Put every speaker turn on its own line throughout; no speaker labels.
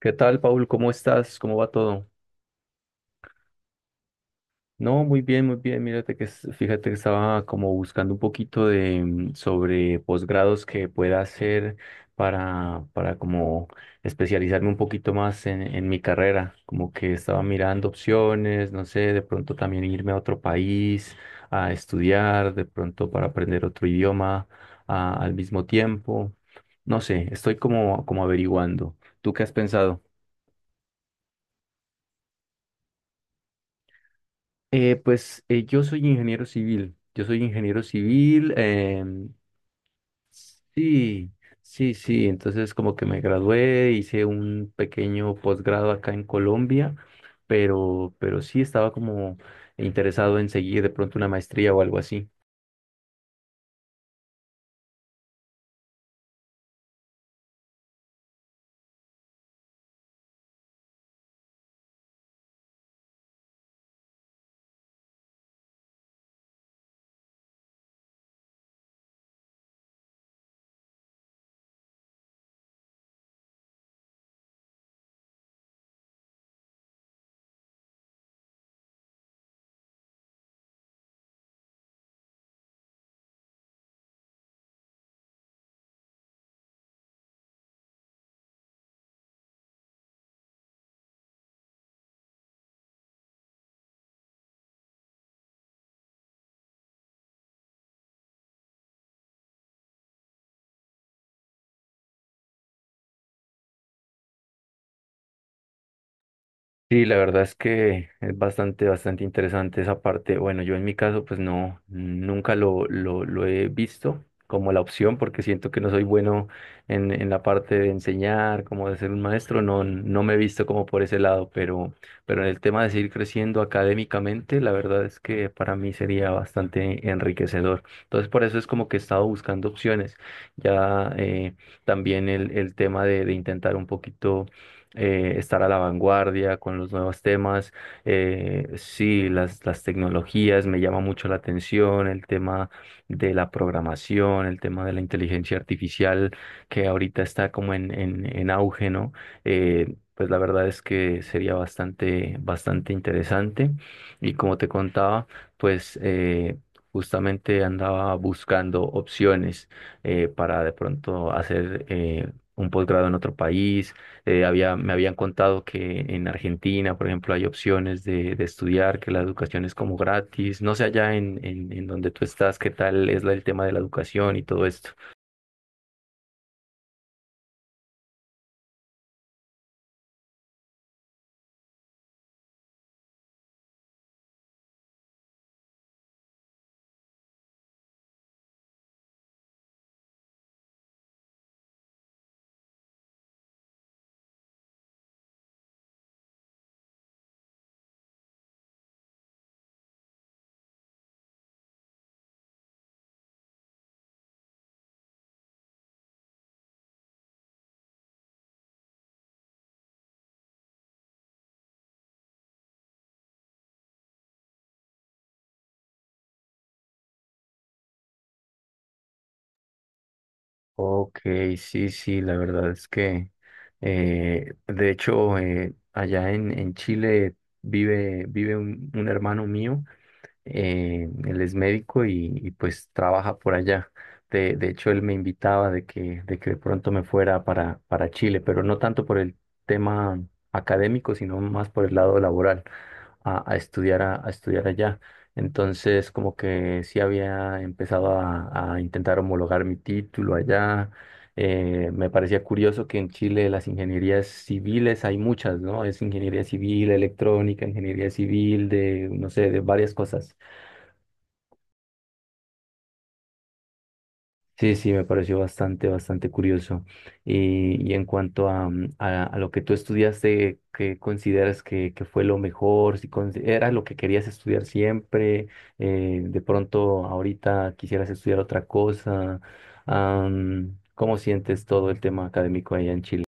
¿Qué tal, Paul? ¿Cómo estás? ¿Cómo va todo? No, muy bien, muy bien. Mírate que fíjate que estaba como buscando un poquito de sobre posgrados que pueda hacer para como especializarme un poquito más en mi carrera. Como que estaba mirando opciones, no sé, de pronto también irme a otro país a estudiar, de pronto para aprender otro idioma al mismo tiempo. No sé, estoy como averiguando. ¿Tú qué has pensado? Pues yo soy ingeniero civil, sí, sí, sí, entonces como que me gradué, hice un pequeño posgrado acá en Colombia, pero sí estaba como interesado en seguir de pronto una maestría o algo así. Sí, la verdad es que es bastante, bastante interesante esa parte. Bueno, yo en mi caso, pues no, nunca lo he visto como la opción, porque siento que no soy bueno en la parte de enseñar, como de ser un maestro, no, no me he visto como por ese lado, pero en el tema de seguir creciendo académicamente, la verdad es que para mí sería bastante enriquecedor. Entonces, por eso es como que he estado buscando opciones. Ya también el tema de intentar un poquito estar a la vanguardia con los nuevos temas. Sí, las tecnologías me llama mucho la atención, el tema de la programación, el tema de la inteligencia artificial que ahorita está como en auge, ¿no? Pues la verdad es que sería bastante, bastante interesante. Y como te contaba, pues justamente andaba buscando opciones para de pronto hacer un posgrado en otro país me habían contado que en Argentina, por ejemplo, hay opciones de estudiar, que la educación es como gratis. No sé allá en donde tú estás, qué tal es el tema de la educación y todo esto. Ok, sí, sí, la verdad es que, de hecho, allá en Chile vive un hermano mío él es médico y, pues trabaja por allá. De hecho, él me invitaba de que de pronto me fuera para Chile, pero no tanto por el tema académico, sino más por el lado laboral, a estudiar allá. Entonces, como que sí había empezado a intentar homologar mi título allá. Me parecía curioso que en Chile las ingenierías civiles hay muchas, ¿no? Es ingeniería civil, electrónica, ingeniería civil, de, no sé, de varias cosas. Sí, sí, me pareció bastante, bastante curioso. Y en cuanto a lo que tú estudiaste, ¿qué consideras que fue lo mejor? Si era lo que querías estudiar siempre, de pronto ahorita quisieras estudiar otra cosa. ¿Cómo sientes todo el tema académico allá en Chile?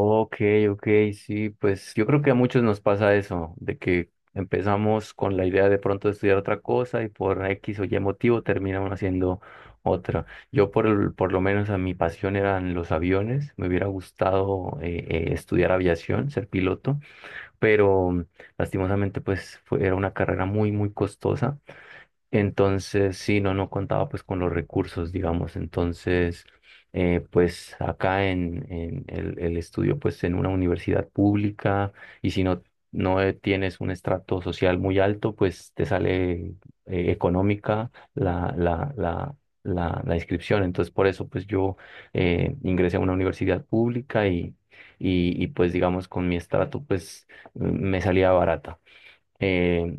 Ok, ok, sí, pues yo creo que a muchos nos pasa eso, de que empezamos con la idea de pronto de estudiar otra cosa y por X o Y motivo terminamos haciendo otra. Por lo menos a mi pasión eran los aviones, me hubiera gustado estudiar aviación, ser piloto, pero lastimosamente pues era una carrera muy, muy costosa. Entonces, sí, no contaba pues con los recursos, digamos. Entonces, pues acá en el estudio, pues en una universidad pública, y si no, no tienes un estrato social muy alto, pues te sale económica la inscripción. Entonces, por eso, pues yo ingresé a una universidad pública y pues digamos con mi estrato, pues me salía barata. Eh,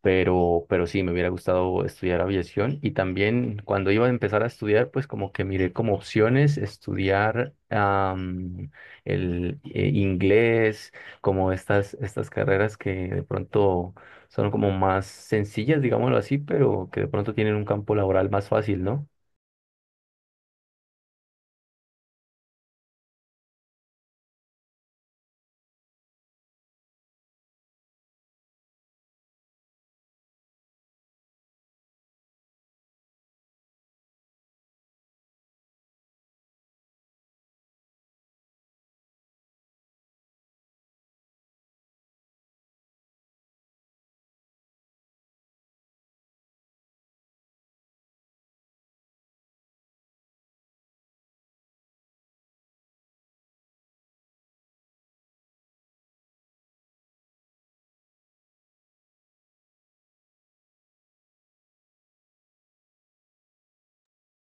pero sí, me hubiera gustado estudiar aviación y también cuando iba a empezar a estudiar, pues como que miré como opciones estudiar el inglés, como estas carreras que de pronto son como más sencillas, digámoslo así, pero que de pronto tienen un campo laboral más fácil, ¿no?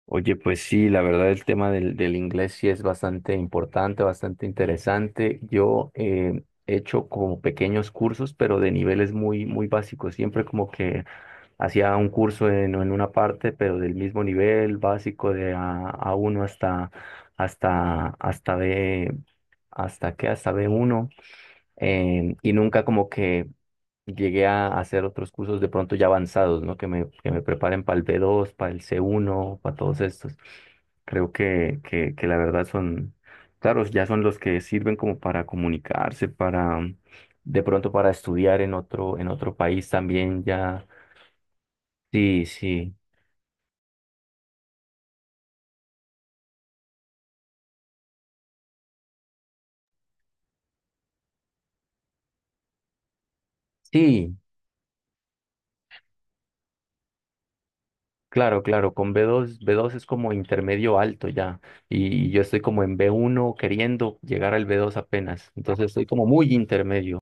Oye, pues sí, la verdad el tema del inglés sí es bastante importante, bastante interesante. Yo he hecho como pequeños cursos, pero de niveles muy, muy básicos. Siempre como que hacía un curso en una parte, pero del mismo nivel básico de A uno hasta, hasta B, hasta b uno y nunca como que llegué a hacer otros cursos de pronto ya avanzados, ¿no? Que me preparen para el B2, para el C1, para todos estos. Creo que la verdad son, claro, ya son los que sirven como para comunicarse, para de pronto para estudiar en otro, país también ya. Sí, sí, sí, claro, claro, con B2. B2 es como intermedio alto ya, y yo estoy como en B1 queriendo llegar al B2 apenas, entonces estoy como muy intermedio.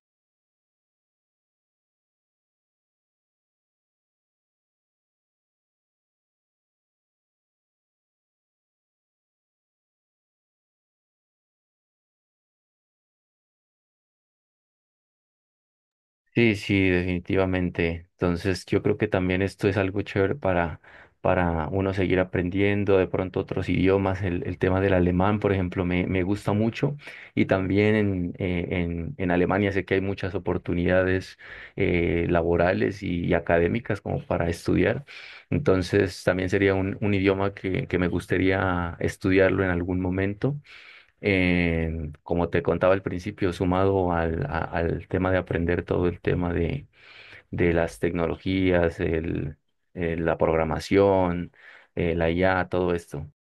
Sí, sí, definitivamente. Entonces, yo creo que también esto es algo chévere para uno seguir aprendiendo, de pronto otros idiomas. El tema del alemán, por ejemplo, me gusta mucho. Y también en Alemania sé que hay muchas oportunidades laborales y académicas como para estudiar. Entonces, también sería un idioma que me gustaría estudiarlo en algún momento eh, como te contaba al principio, sumado al tema de aprender todo el tema de las tecnologías, la programación, la IA, todo esto.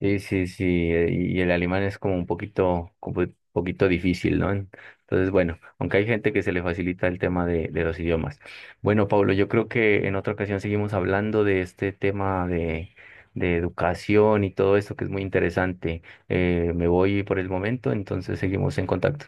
Sí, sí, sí, y el alemán es como un poquito difícil, ¿no? Entonces, bueno, aunque hay gente que se le facilita el tema de los idiomas. Bueno, Pablo, yo creo que en otra ocasión seguimos hablando de este tema de educación y todo esto que es muy interesante. Me voy por el momento, entonces seguimos en contacto.